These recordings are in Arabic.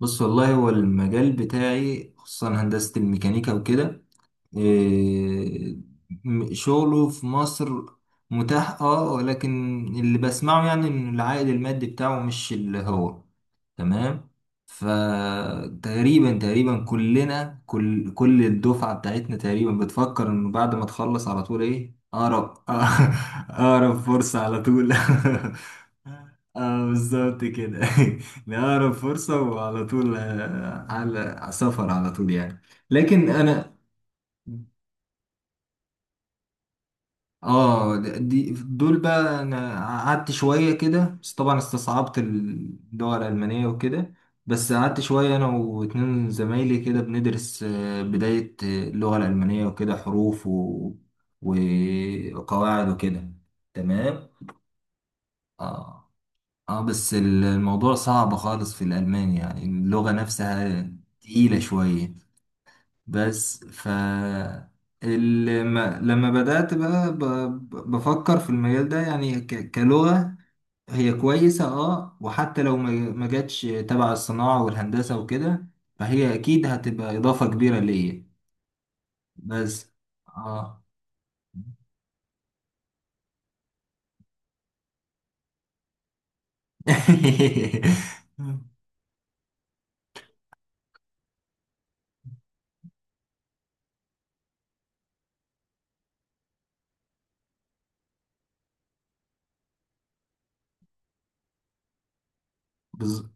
بص والله هو المجال بتاعي خصوصا هندسة الميكانيكا وكده إيه، شغله في مصر متاح اه، ولكن اللي بسمعه يعني ان العائد المادي بتاعه مش اللي هو تمام. فتقريبا كلنا كل الدفعة بتاعتنا تقريبا بتفكر انه بعد ما تخلص على طول ايه اقرب اقرب فرصة على طول اه بالظبط كده. لأقرب فرصة وعلى طول آه، على سفر على طول يعني. لكن أنا اه دي دول بقى، أنا قعدت شوية كده بس طبعا استصعبت اللغة الألمانية وكده. بس قعدت شوية أنا واتنين زمايلي كده بندرس آه، بداية آه، اللغة الألمانية وكده، حروف وقواعد وكده تمام. اه، اه بس الموضوع صعب خالص في الألماني يعني اللغة نفسها تقيلة شوية. بس ف لما بدأت بقى بفكر في المجال ده، يعني كلغة هي كويسة، اه، وحتى لو ما جاتش تبع الصناعة والهندسة وكده، فهي أكيد هتبقى إضافة كبيرة ليا. بس اه بز-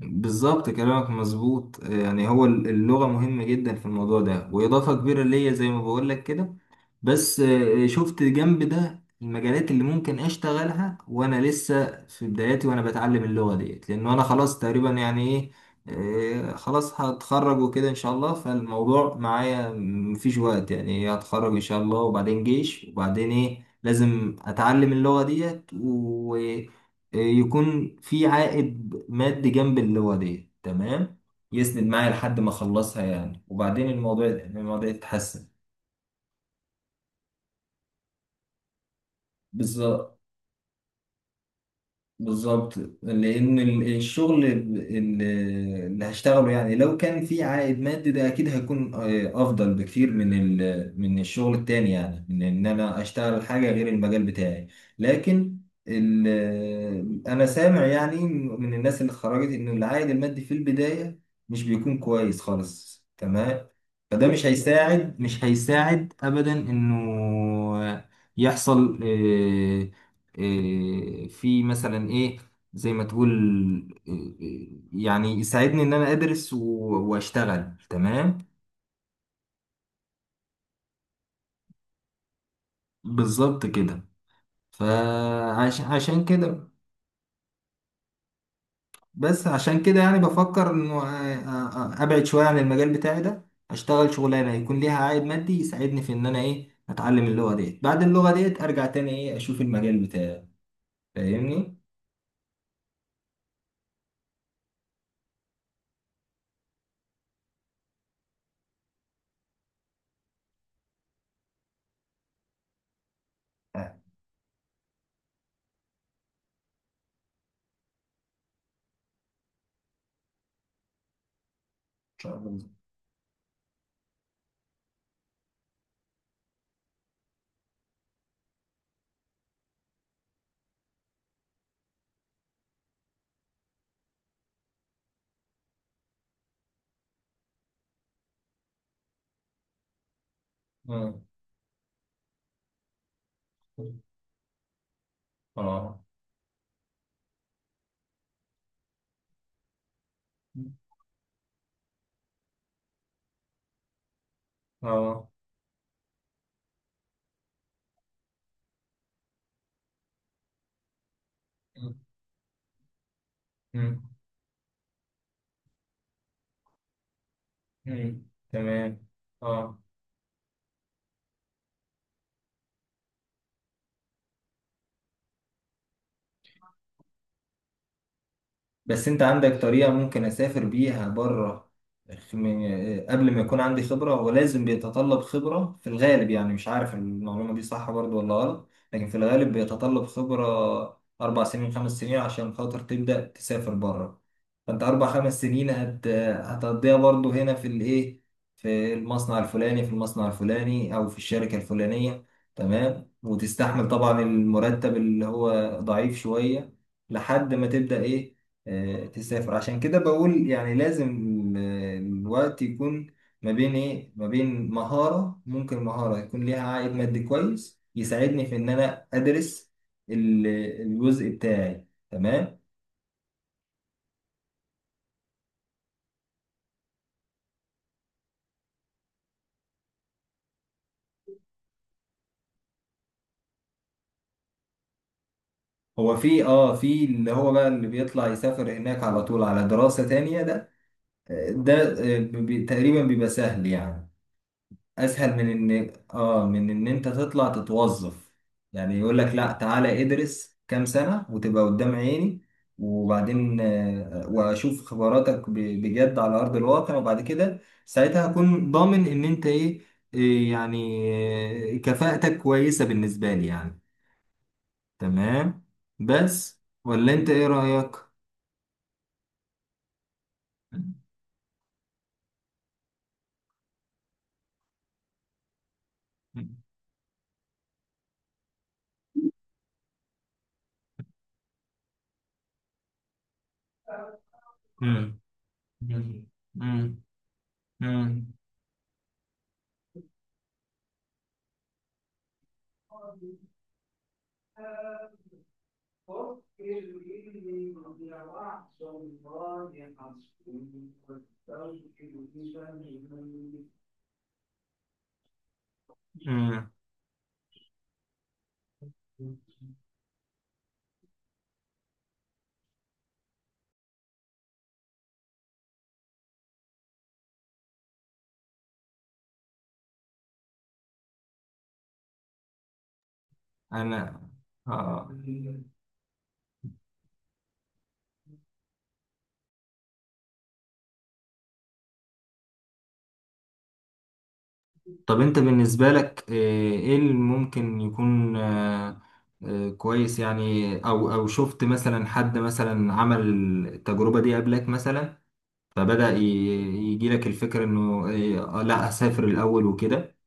بالظبط كلامك مظبوط يعني، هو اللغة مهمة جدا في الموضوع ده وإضافة كبيرة ليا زي ما بقولك كده. بس آه، شفت جنب ده المجالات اللي ممكن أشتغلها وأنا لسه في بداياتي وأنا بتعلم اللغة ديت، لأنه أنا خلاص تقريبا يعني إيه، آه، خلاص هتخرج وكده إن شاء الله. فالموضوع معايا مفيش وقت، يعني هتخرج إن شاء الله وبعدين جيش وبعدين إيه، لازم أتعلم اللغة ديت. آه، يكون في عائد مادي جنب اللي تمام، يسند معايا لحد ما اخلصها يعني، وبعدين الموضوع يتحسن. بالظبط، بالظبط. لان الشغل اللي هشتغله يعني لو كان في عائد مادي ده اكيد هيكون آه، افضل بكتير من من الشغل التاني يعني، من ان انا اشتغل حاجه غير المجال بتاعي. لكن ال- آه، انا سامع يعني من الناس اللي اتخرجت ان العائد المادي في البدايه مش بيكون كويس خالص، تمام. فده مش هيساعد، مش هيساعد ابدا انه يحصل آه، آه، في مثلا ايه زي ما تقول آه، يعني يساعدني ان انا ادرس واشتغل تمام. بالظبط كده. فعشان كده. بس عشان كده يعني بفكر انه آه، آه، آه، ابعد شوية عن المجال بتاعي ده، اشتغل شغلانة يكون ليها عائد مادي يساعدني في ان انا ايه، اتعلم اللغة ديت، بعد اللغة ديت ارجع تاني ايه اشوف المجال بتاعي. فاهمني؟ آه، إن شاء الله. اه، اه، اه. مم. مم. تمام. اه، بس انت عندك طريقة ممكن اسافر بيها بره قبل ما يكون عندي خبرة؟ ولازم بيتطلب خبرة في الغالب يعني، مش عارف المعلومة دي صح برضو ولا غلط، لكن في الغالب بيتطلب خبرة 4 سنين، 5 سنين عشان خاطر تبدأ تسافر بره. فأنت 4 5 سنين هتقضيها برضو هنا في الإيه، في المصنع الفلاني، في المصنع الفلاني، أو في الشركة الفلانية تمام، وتستحمل طبعا المرتب اللي هو ضعيف شوية لحد ما تبدأ إيه، آه، تسافر. عشان كده بقول يعني لازم ال- الوقت يكون ما بين ايه، ما بين مهارة، ممكن مهارة يكون ليها عائد مادي كويس يساعدني في ان انا ادرس ال- الجزء بتاعي تمام. هو في اه في اللي هو بقى اللي بيطلع يسافر هناك على طول على دراسة تانية ده آه، ده آه، تقريبا بيبقى سهل يعني، اسهل من ان اه من ان انت تطلع تتوظف. يعني يقول لك لا تعالى ادرس كام سنة وتبقى قدام عيني، وبعدين آه، واشوف خبراتك بجد على ارض الواقع، وبعد كده ساعتها هكون ضامن ان انت ايه، إيه يعني، آه، كفاءتك كويسة بالنسبة لي يعني. تمام. بس ولا انت ايه رأيك؟ مم. مم. مم. مم. فكر إني ضيعت، ضايعا وأستغفر ذنبي. امم. انا آه. طب انت بالنسبة لك آه، ايه اللي ممكن يكون آه، آه، كويس يعني، او او شفت مثلا حد مثلا عمل التجربة دي قبلك مثلا، فبدأ يجيلك الفكرة انه آه، لا اسافر الاول وكده.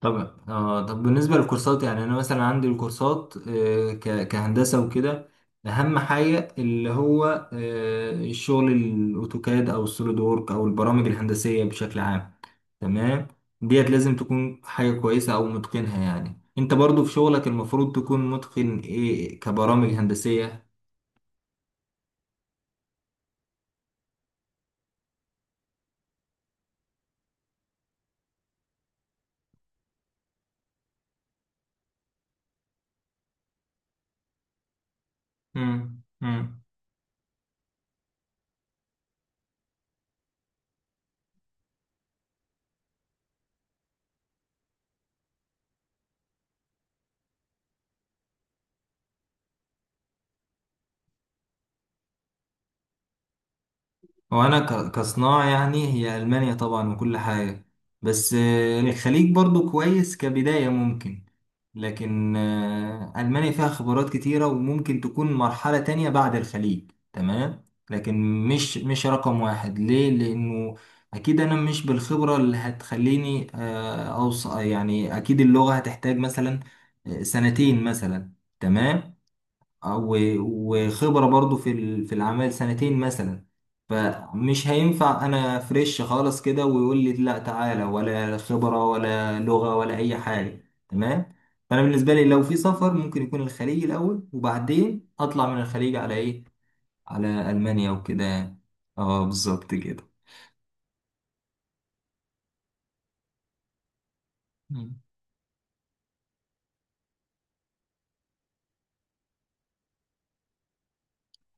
طبعا اه. طب بالنسبة للكورسات يعني، أنا مثلا عندي الكورسات آه، كهندسة وكده، أهم حاجة اللي هو آه، الشغل، الأوتوكاد أو السوليد وورك أو البرامج الهندسية بشكل عام تمام. ديت لازم تكون حاجة كويسة أو متقنها يعني، أنت برضو في شغلك المفروض تكون متقن إيه، كبرامج هندسية. مم. مم. هو انا كصناعة يعني هي المانيا طبعا وكل حاجة، بس آه، الخليج برضو كويس كبداية ممكن، لكن آه، المانيا فيها خبرات كتيرة وممكن تكون مرحلة تانية بعد الخليج تمام. لكن مش مش رقم واحد ليه، لانه اكيد انا مش بالخبرة اللي هتخليني اوصل يعني، اكيد اللغة هتحتاج مثلا آه، سنتين مثلا تمام، آه، وخبرة برضو في في الأعمال سنتين مثلا. فمش هينفع أنا فريش خالص كده ويقول لي لا تعالى، ولا خبرة ولا لغة ولا أي حاجة تمام. فأنا بالنسبة لي لو في سفر ممكن يكون الخليج الأول، وبعدين أطلع من الخليج على إيه، على ألمانيا وكده يعني. اه بالظبط كده. مم.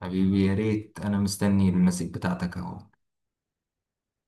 حبيبي يا ريت، أنا مستني المسج بتاعتك أهو.